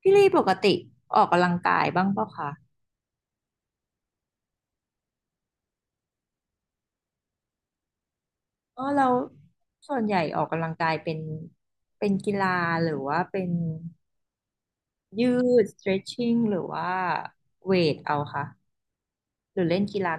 พี่ลี่ปกติออกกำลังกายบ้างเปล่าคะอ๋อเราส่วนใหญ่ออกกำลังกายเป็นเป็นกีฬาหรือว่าเป็นยืด stretching หรือว่าเวทเอาค่ะหรือเล่นกีฬา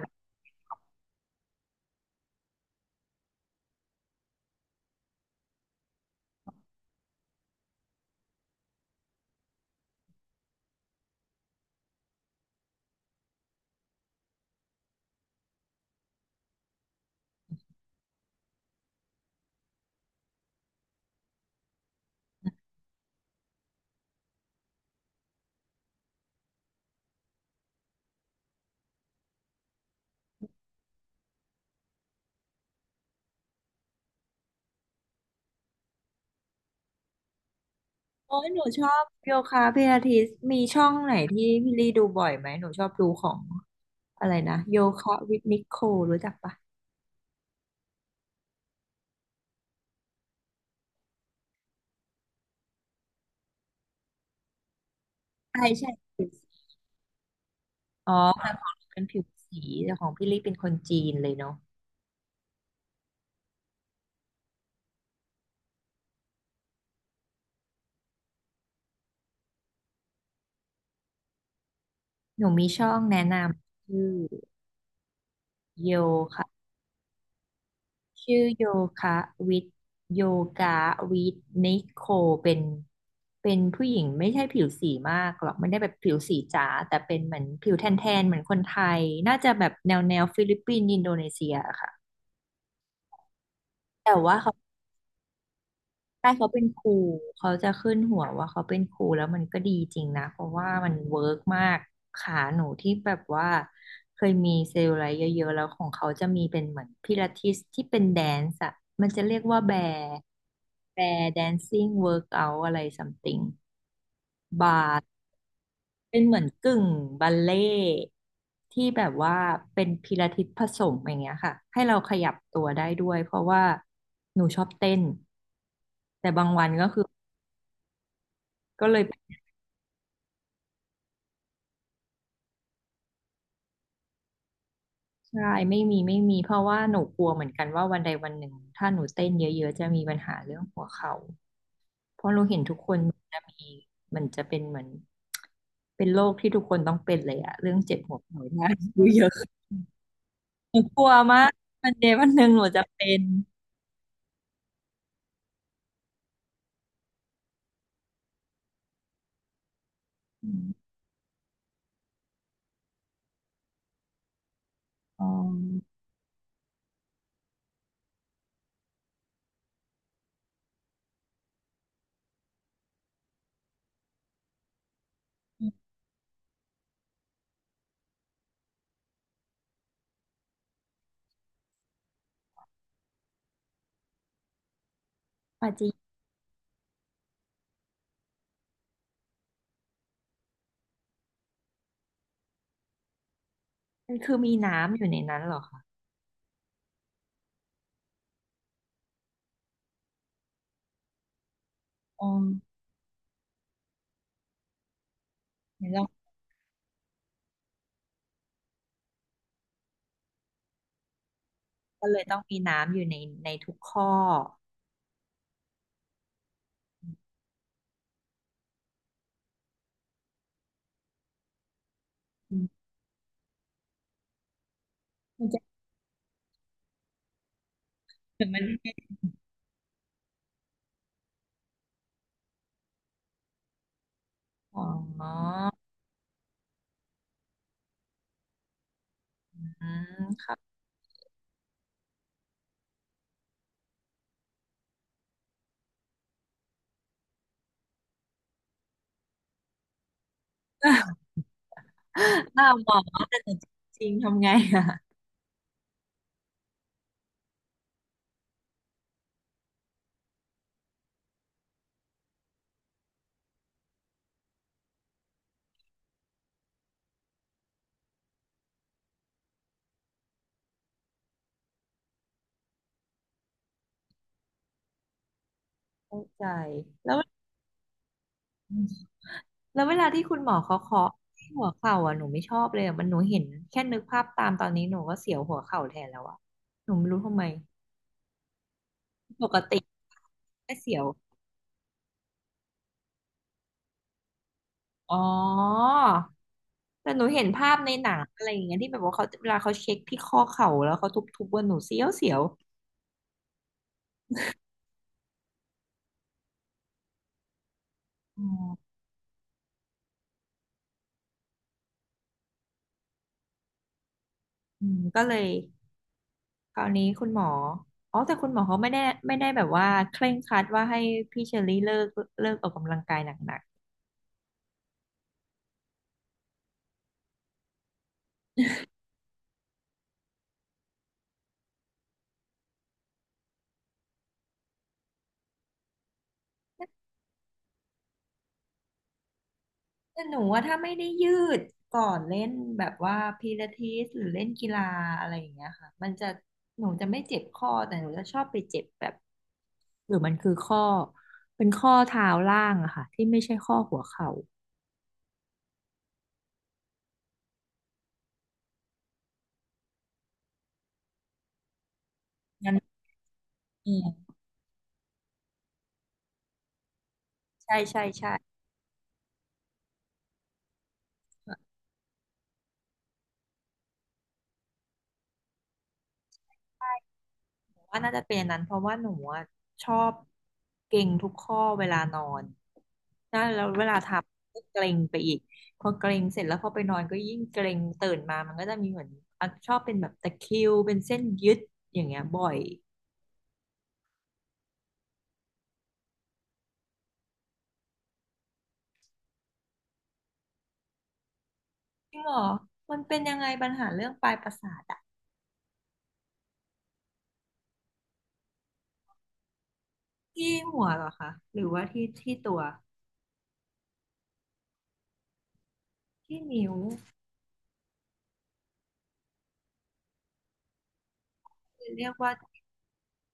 โอ้ยหนูชอบโยคะพิลาทิสมีช่องไหนที่พี่ลี่ดูบ่อยไหมหนูชอบดูของอะไรนะโยคะวิทนิโครู้จักปะใช่ใช่อ๋อแต่ของหนูเป็นผิวสีแต่ของพี่ลี่เป็นคนจีนเลยเนาะหนูมีช่องแนะนำชื่อ โยคะชื่อโยคะวิทโยกาวิทนิโคเป็นเป็นผู้หญิงไม่ใช่ผิวสีมากหรอกไม่ได้แบบผิวสีจ๋าแต่เป็นเหมือนผิวแทนๆเหมือนคนไทยน่าจะแบบแนวฟิลิปปินส์อินโดนีเซียอะค่ะแต่ว่าเขา ใช่เขาเป็นครูเขาจะขึ้นหัวว่าเขาเป็นครูแล้วมันก็ดีจริงนะเพราะว่ามันเวิร์กมากขาหนูที่แบบว่าเคยมีเซลล์อะไรเยอะๆแล้วของเขาจะมีเป็นเหมือนพิลาทิสที่เป็นแดนซ์อะมันจะเรียกว่าแบร์แดนซิ่งเวิร์กเอาอะไรซัมติงบาร์เป็นเหมือนกึ่งบัลเล่ต์ที่แบบว่าเป็นพิลาทิสผสมอย่างเงี้ยค่ะให้เราขยับตัวได้ด้วยเพราะว่าหนูชอบเต้นแต่บางวันก็คือก็เลย ใช่ไม่มีไม่มีเพราะว่าหนูกลัวเหมือนกันว่าวันใดวันหนึ่งถ้าหนูเต้นเยอะๆจะมีปัญหาเรื่องหัวเข่าเพราะหนูเห็นทุกคนมันจะมีมันจะเป็นเหมือนเป็นโรคที่ทุกคนต้องเป็นเลยอะเรื่องเจ็บหัวเข่าดูเยอะหนูกลัวมากวันใดวันหนึ่งหนูจะเป็นอมอ๋อปาจิมันคือมีน้ำอยู่ในนั้นเหรอคะอ๋อเราก็เลยต้องมีน้ำอยู่ในทุกข้ออืมมันจะมันอ๋ออืมครับ หน้าหมอแต่จริงๆทำไงอะเข้าใจแล้วแล้วเวลาที่คุณหมอเขาเคาะที่หัวเข่าอ่ะหนูไม่ชอบเลยอะมันหนูเห็นแค่นึกภาพตามตอนนี้หนูก็เสียวหัวเข่าแทนแล้วอะหนูไม่รู้ทำไมปกติแค่เสียวอ๋อแต่หนูเห็นภาพในหนังอะไรอย่างเงี้ยที่แบบว่าเขาเวลาเขาเช็คที่ข้อเข่าแล้วเขาทุบๆว่าหนูเสียวเสียวอ๋ออืมก็เลย คราวนี้คุณหมออ๋อแต่คุณหมอเขาไม่ได้ไม่ได้แบบว่าเคร่งครัดว่าให้พี่เชอรี่เลิกออกกำลังกายหนักๆแต่หนูว่าถ้าไม่ได้ยืดก่อนเล่นแบบว่าพิลาทิสหรือเล่นกีฬาอะไรอย่างเงี้ยค่ะมันจะหนูจะไม่เจ็บข้อแต่หนูจะชอบไปเจ็บแบบหรือมันคือข้อเป็นข้อเท้าล่างอะค่ะที่ไม่ใช่ข้อหัวเข่างั้นเออใช่ใช่ใช่ ว่าน่าจะเป็นอันนั้นเพราะว่าหนูอะชอบเกร็งทุกข้อเวลานอนนะแล้วเวลาทำก็เกร็งไปอีกพอเกร็งเสร็จแล้วพอไปนอนก็ยิ่งเกร็งตื่นมามันก็จะมีเหมือนอ่ะชอบเป็นแบบตะคริวเป็นเส้นยึดอย่างเงี้ยบ่อยจริงเหรอมันเป็นยังไงปัญหาเรื่องปลายประสาทอะที่หัวเหรอคะหรือว่าที่ที่ตัวที่นิ้วเรียกว่า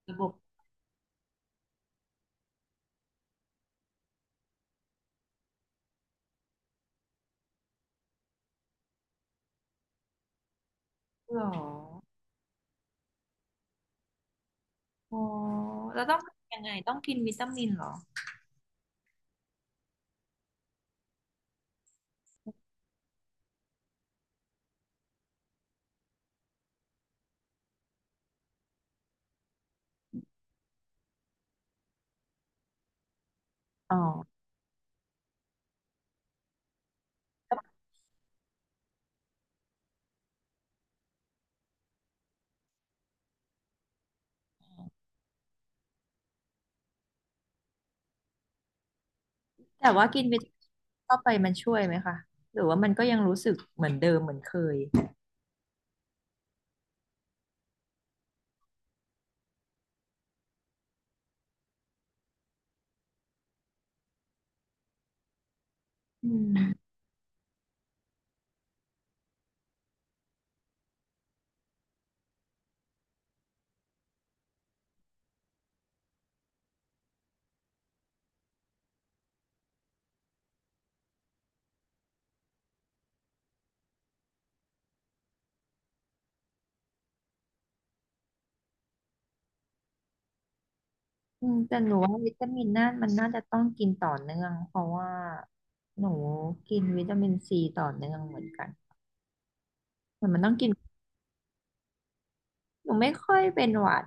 ระบบหรออ๋อแล้วต้องยังไงต้องกินวิตามินเหรออ๋อ แต่ว่ากินวิตามินเข้าไปมันช่วยไหมคะหรือว่ามันก็ยังรู้สึกเหมือนเดิมเหมือนเคยอืมอืมแต่หนูว่าวิตามินน่ามันน่าจะต้องกินต่อเนื่องเพราะว่าหนูกินวิตามินซีต่อเนื่องเหมือนกันเหมือนมันต้องกินหนูไม่ค่อยเป็นหวัด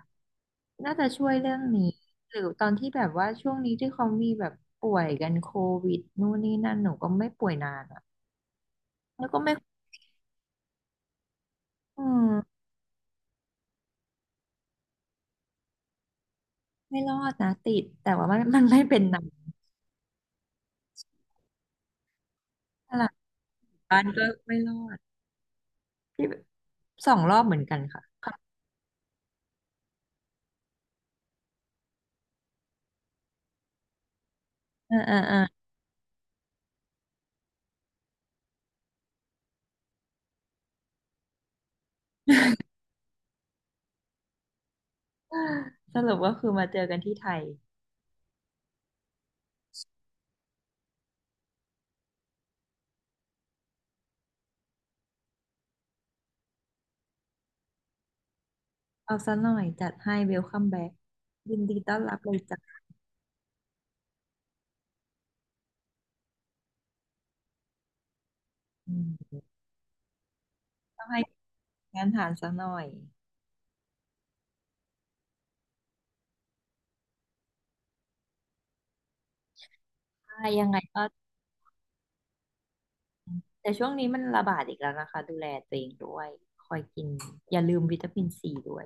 น่าจะช่วยเรื่องนี้หรือตอนที่แบบว่าช่วงนี้ที่เขามีแบบป่วยกันโควิดนู่นนี่นั่นหนูก็ไม่ป่วยนานอ่ะแล้วก็ไม่อืมไม่รอดนะติดแต่ว่ามัน มันไม่เป็นหนักตลาดบ้านก็ไม่รอด พี่สองรอบเหมือนกันค่ะค่ะเออเออเออสรุปก็คือมาเจอกันที่ไทยเอาซะหน่อยจัดให้เวลคัมแบ็กยินดีต้อนรับเลยจ้ะอืมต้องให้งานฐานซะหน่อยใช่ยังไงก็แต่ช่วงนี้มันระบาดอีกแล้วนะคะดูแลตัวเองด้วยคอยกินอย่าลืมวิตามินซีด้วย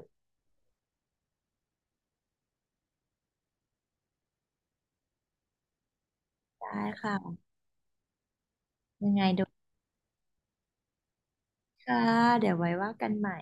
ได้ค่ะยังไงเดูค่ะเดี๋ยวไว้ว่ากันใหม่